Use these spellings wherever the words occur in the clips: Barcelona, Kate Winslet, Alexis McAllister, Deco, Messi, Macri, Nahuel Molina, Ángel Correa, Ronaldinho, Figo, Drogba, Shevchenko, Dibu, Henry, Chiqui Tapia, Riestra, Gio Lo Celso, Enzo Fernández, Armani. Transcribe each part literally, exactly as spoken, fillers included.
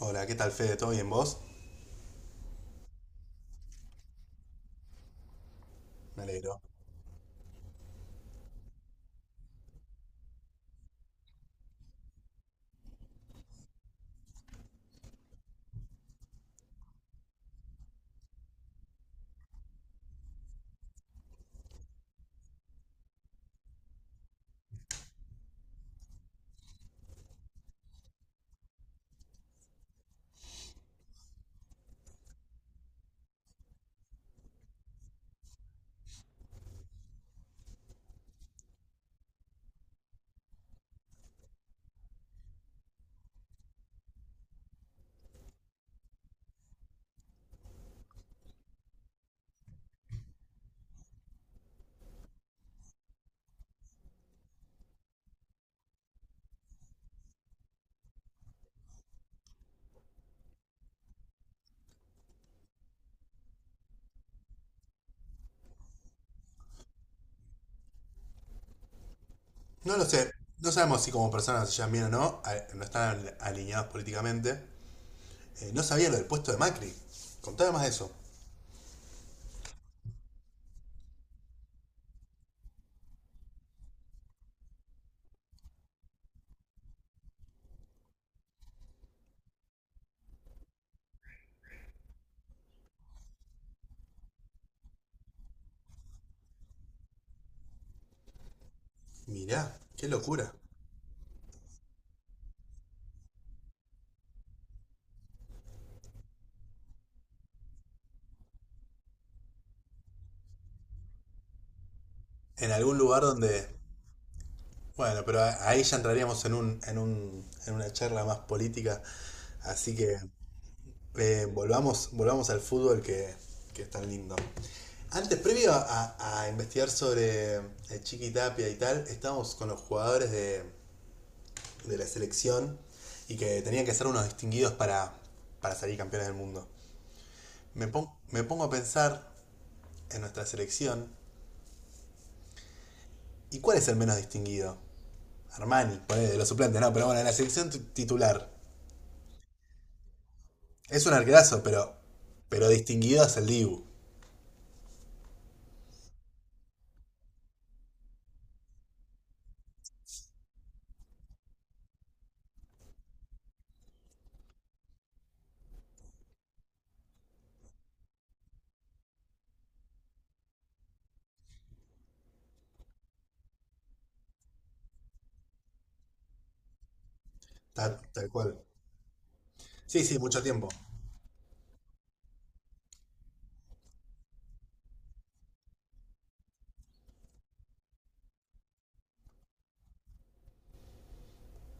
Hola, ¿qué tal Fede? ¿Todo bien vos? Me alegro. No lo sé, no sabemos si como personas se llevan bien o no, a- no están al- alineados políticamente. Eh, no sabía lo del puesto de Macri. Contame más de eso. Mirá, qué locura. En algún lugar donde... Bueno, pero a- ahí ya entraríamos en un, en un, en una charla más política. Así que eh, volvamos, volvamos al fútbol que, que es tan lindo. Antes, previo a, a investigar sobre eh, Chiqui Tapia y tal, estábamos con los jugadores de, de la selección y que tenían que ser unos distinguidos para, para salir campeones del mundo. Me, pon- me pongo a pensar en nuestra selección y cuál es el menos distinguido. Armani, ponele, de los suplentes, no, pero bueno, en la selección titular. Es un arquerazo, pero, pero distinguido es el Dibu. Tal, tal cual. Sí, sí, mucho tiempo.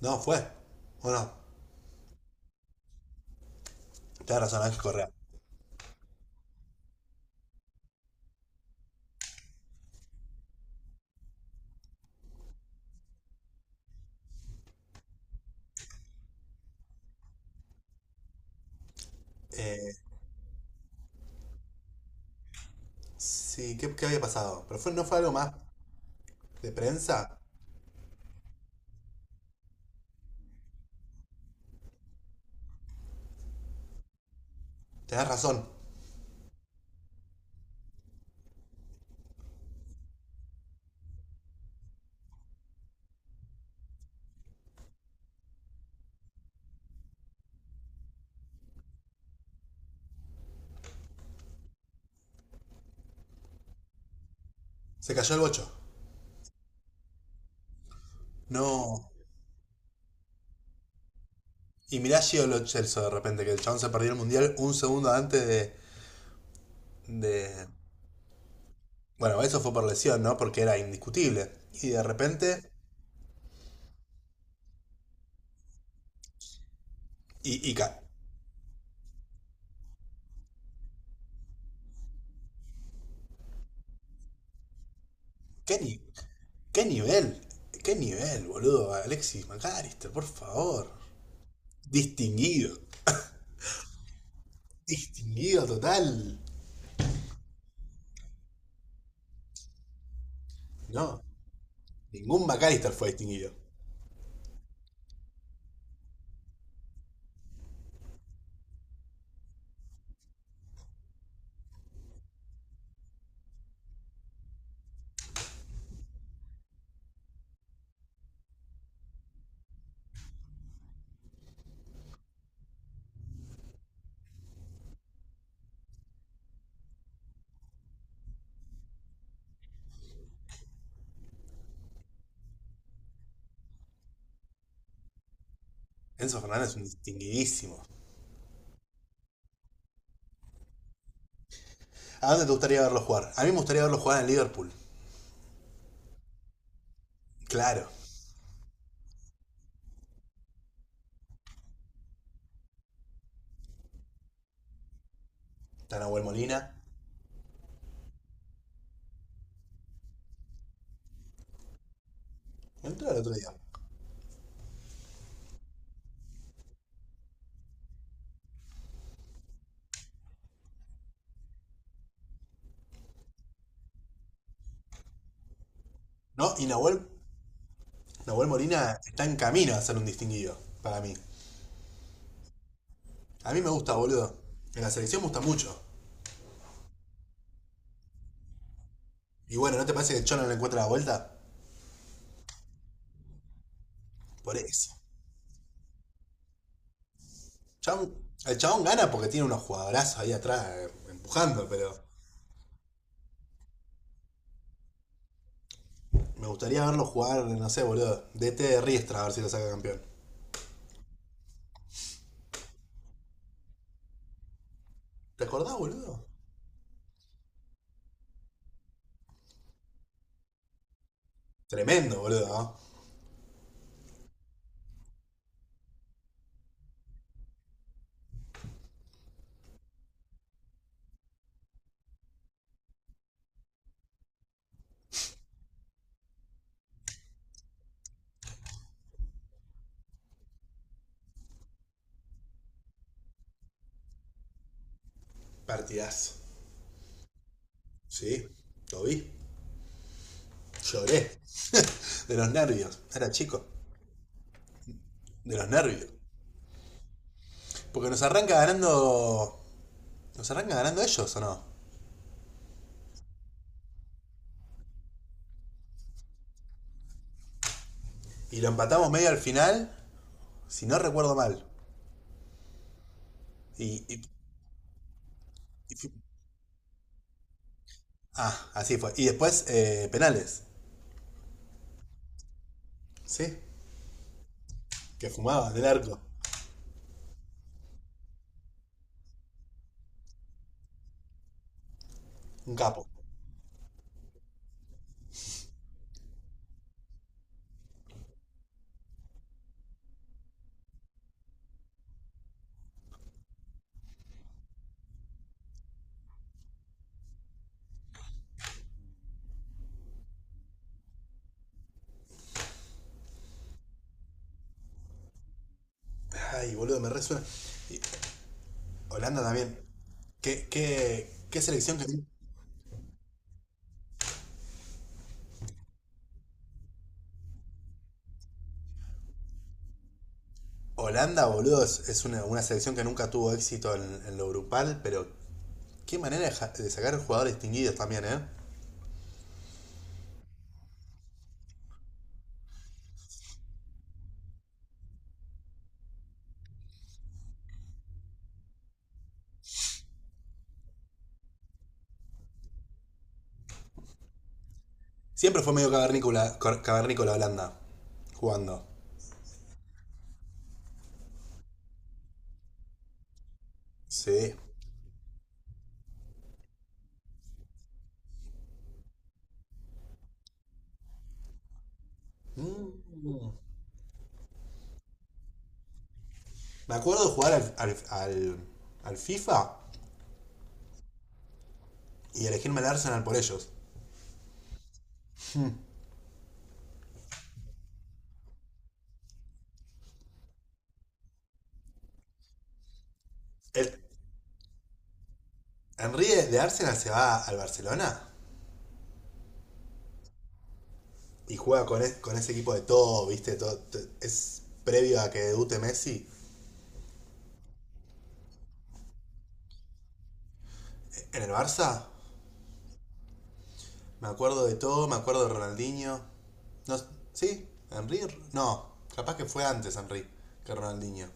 No, fue. Bueno, tenés razón, Ángel Correa. Eh, sí, ¿qué, qué había pasado? ¿Pero fue, no fue algo más de prensa? Tenés razón. Se cayó el bocho. No. Y mirá Gio Lo Celso de repente, que el chabón se perdió el mundial un segundo antes de, de- Bueno, eso fue por lesión, ¿no? Porque era indiscutible. Y de repente. Y, y ca- ¿qué, ni- ¿Qué nivel? ¿Qué nivel, boludo? Alexis McAllister, por favor. Distinguido. Distinguido total. No, ningún McAllister fue distinguido. Enzo Fernández es un distinguidísimo. ¿A dónde te gustaría verlo jugar? A mí me gustaría verlo jugar en Liverpool. Claro. Está Nahuel Molina. Entró el otro día. No, y Nahuel Nahuel Molina está en camino a ser un distinguido, para mí. A mí me gusta, boludo. En la selección me gusta mucho. Y bueno, ¿no te parece que el Chon no le encuentra la vuelta? Por eso. Chabón- el chabón gana porque tiene unos jugadorazos ahí atrás eh, empujando, pero me gustaría verlo jugar, no sé, boludo. D T de Riestra, a ver si lo saca campeón. ¿Te acordás, boludo? Tremendo, boludo, ¿no? Partidazo. Sí, lo vi. Lloré. De los nervios. Era chico. De los nervios. Porque nos arranca ganando. ¿Nos arranca ganando ellos o no? Y lo empatamos medio al final, si no recuerdo mal. Y, y- y ah, así fue. Y después eh, penales. Sí, que fumaba del arco. Un capo. Ay, boludo, me resuena. Y Holanda también. ¿Qué, qué, qué selección que... tiene? Holanda, boludo, es, es una, una selección que nunca tuvo éxito en, en lo grupal, pero qué manera de, ja- de sacar jugadores distinguidos también, ¿eh? Siempre fue medio cavernícola, cor- cavernícola Holanda, jugando. Sí. Mm. Me acuerdo jugar al, al, al, al FIFA y elegirme al Arsenal por ellos. El, Henry de, Arsenal se va al Barcelona y juega con, e- con ese equipo de todo, ¿viste? Todo, es previo a que debute Messi. En el Barça, me acuerdo de todo, me acuerdo de Ronaldinho. No, ¿sí? ¿Henry? No, capaz que fue antes Henry que Ronaldinho.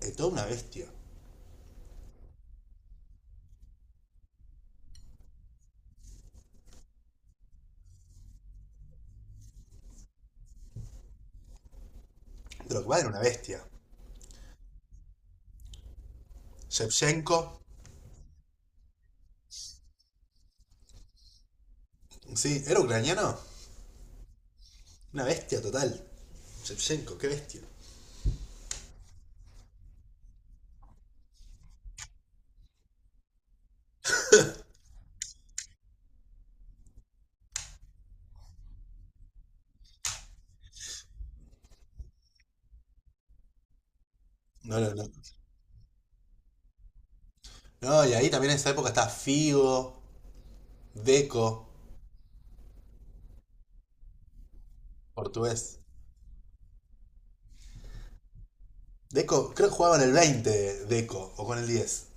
De todo una bestia. Drogba era una bestia. Shevchenko, sí, ¿era ucraniano? Una bestia total. Shevchenko, qué bestia. No, no, no. No, y ahí también en esa época está Figo, Deco, portugués. Deco, creo que jugaba en el veinte, Deco, o con el diez.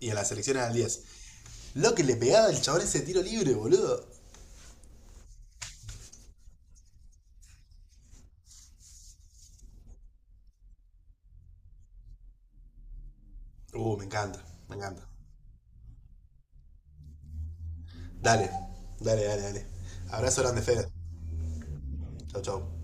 Y en la selección era el diez. Lo que le pegaba el chabón ese tiro libre, boludo. Uh, me encanta, me encanta. Dale, dale, dale, dale. Abrazo grande, Fede. Chau, chau.